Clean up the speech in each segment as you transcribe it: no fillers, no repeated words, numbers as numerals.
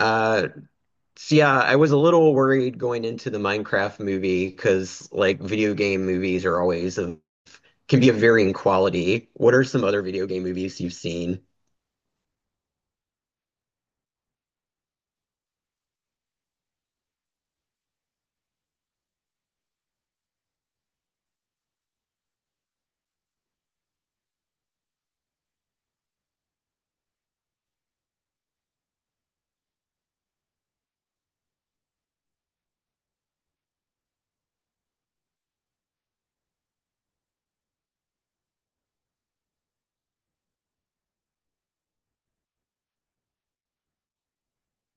Uh, so yeah, I was a little worried going into the Minecraft movie because like video game movies are always a can be of varying quality. What are some other video game movies you've seen?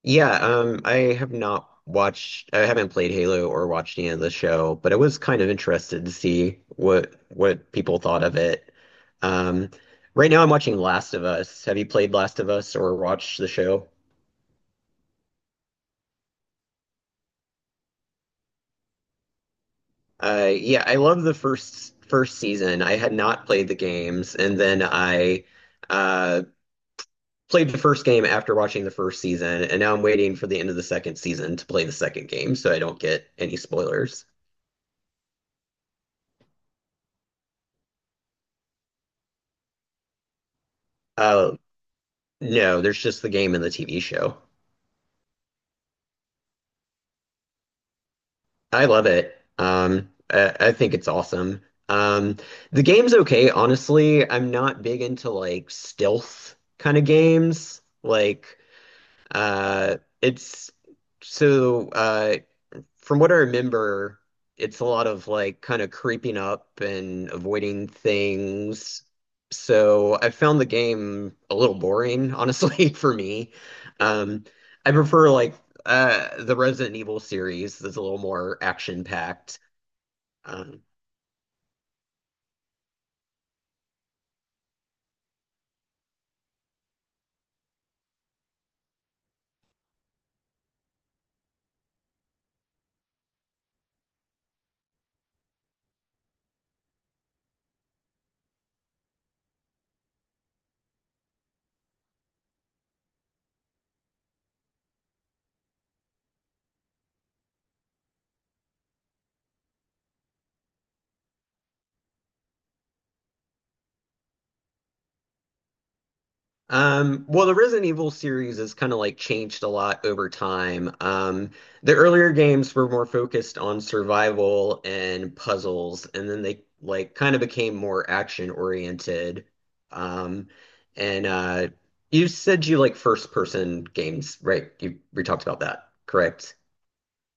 Yeah, I haven't played Halo or watched any of the show, but I was kind of interested to see what people thought of it. Um, right now I'm watching Last of Us. Have you played Last of Us or watched the show? Yeah, I love the first season. I had not played the games, and then I uh, played the first game after watching the first season, and now I'm waiting for the end of the second season to play the second game, so I don't get any spoilers. Uh, no, there's just the game and the TV show. I love it. I think it's awesome. Um, the game's okay, honestly. I'm not big into like stealth kind of games. Uh, it's. So, uh, from what I remember, it's a lot of like kind of creeping up and avoiding things. So I found the game a little boring, honestly, for me. Um, I prefer the Resident Evil series that's a little more action packed. Well, the Resident Evil series has kind of like changed a lot over time. The earlier games were more focused on survival and puzzles, and then they like kind of became more action oriented. Um, and You said you like first person games, right? You we talked about that, correct?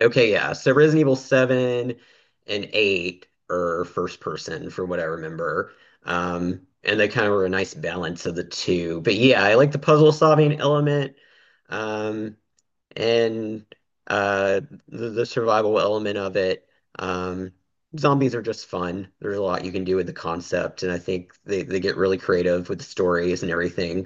Okay, yeah. So Resident Evil 7 and 8 are first person from what I remember. And they kind of were a nice balance of the two. But yeah, I like the puzzle solving element, um, and uh, the survival element of it. Um, zombies are just fun. There's a lot you can do with the concept, and I think they get really creative with the stories and everything.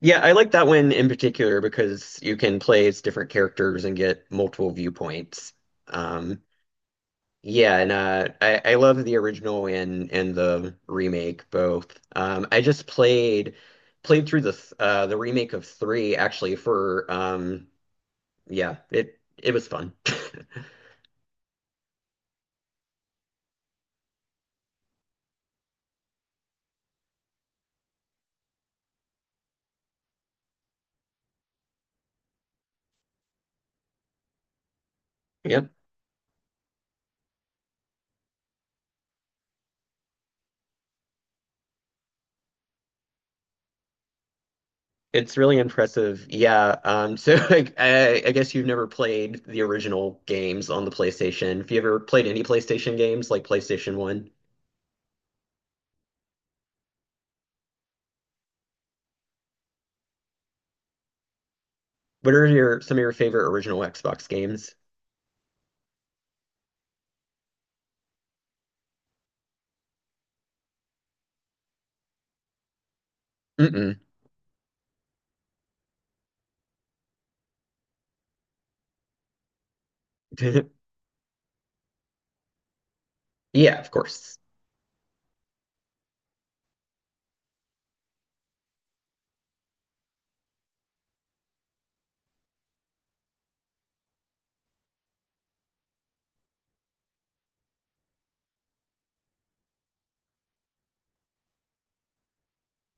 Yeah, I like that one in particular because you can play as different characters and get multiple viewpoints. Um, I love the original and the remake both. I just played through the remake of three actually for yeah it was fun. Yep, it's really impressive. Yeah, so like, I guess you've never played the original games on the PlayStation. Have you ever played any PlayStation games like PlayStation One? What are your some of your favorite original Xbox games? Mm-mm. Yeah, of course.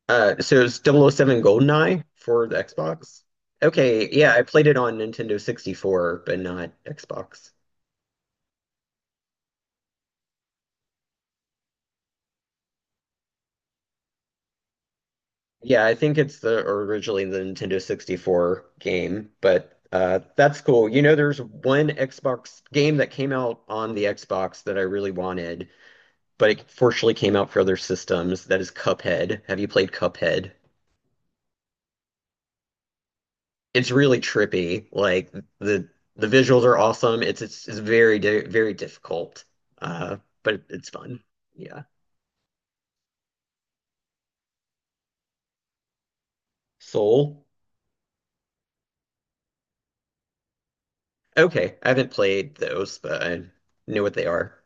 So it's double oh 007 GoldenEye for the Xbox. Okay, yeah, I played it on Nintendo 64, but not Xbox. Yeah, I think it's the or originally the Nintendo 64 game, but that's cool. You know, there's one Xbox game that came out on the Xbox that I really wanted, but it fortunately came out for other systems. That is Cuphead. Have you played Cuphead? It's really trippy. Like the the visuals are awesome. It's very difficult, uh, but it's fun. Yeah, Soul. Okay, I haven't played those, but I know what they are.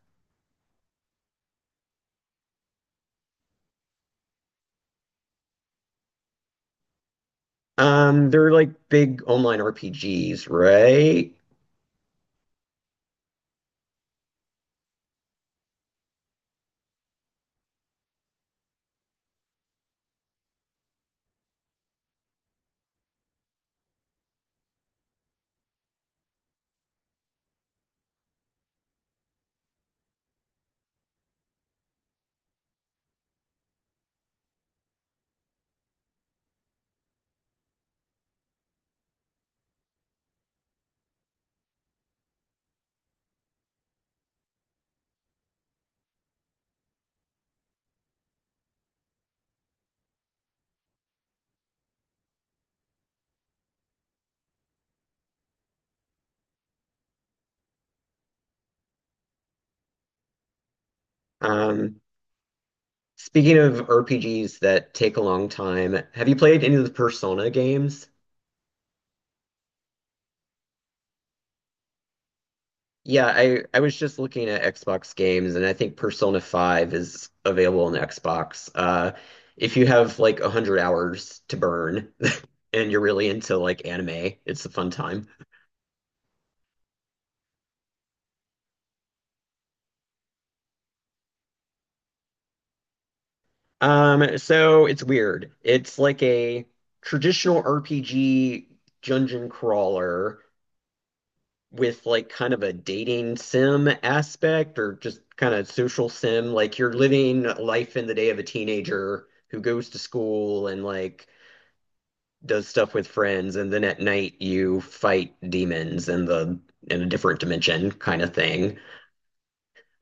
They're like big online RPGs, right? Um, Speaking of RPGs that take a long time, have you played any of the Persona games? Yeah, I was just looking at Xbox games, and I think Persona 5 is available on Xbox. If you have like 100 hours to burn and you're really into like anime, it's a fun time. So it's weird. It's like a traditional RPG dungeon crawler with like kind of a dating sim aspect or just kind of social sim. Like you're living life in the day of a teenager who goes to school and like does stuff with friends, and then at night you fight demons in a different dimension kind of thing.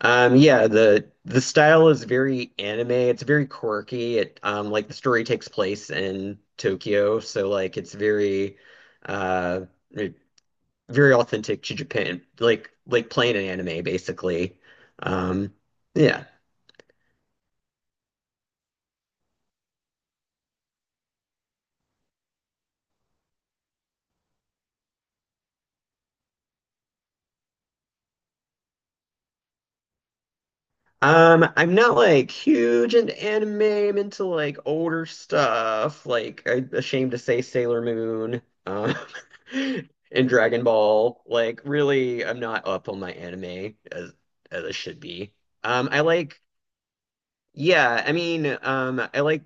The style is very anime. It's very quirky. It Like the story takes place in Tokyo, so like it's uh, it- very authentic to Japan, like playing an anime basically. Um, yeah. I'm not like huge into anime. I'm into like older stuff, like I'm ashamed to say Sailor Moon, and Dragon Ball. Like, really, I'm not up on my anime as I should be. Um, I like, yeah, I mean, I like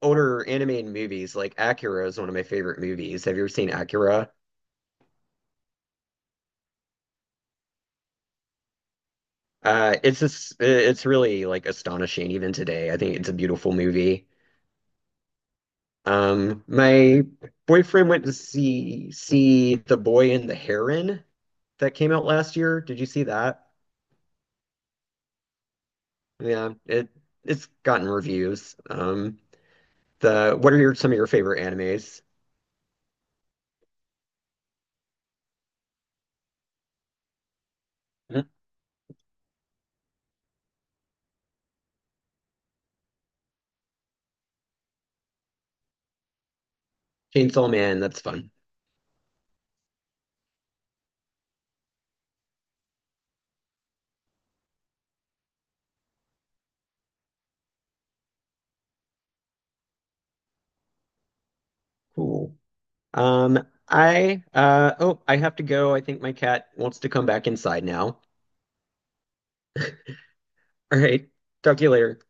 older animated movies. Like Akira is one of my favorite movies. Have you ever seen Akira? It's really like astonishing even today. I think it's a beautiful movie. My boyfriend went to see The Boy and the Heron that came out last year. Did you see that? Yeah, it's gotten reviews. The What are your some of your favorite animes? Mhm. Chainsaw Man, that's fun. Cool. Um. I uh oh, I have to go. I think my cat wants to come back inside now. All right. Talk to you later.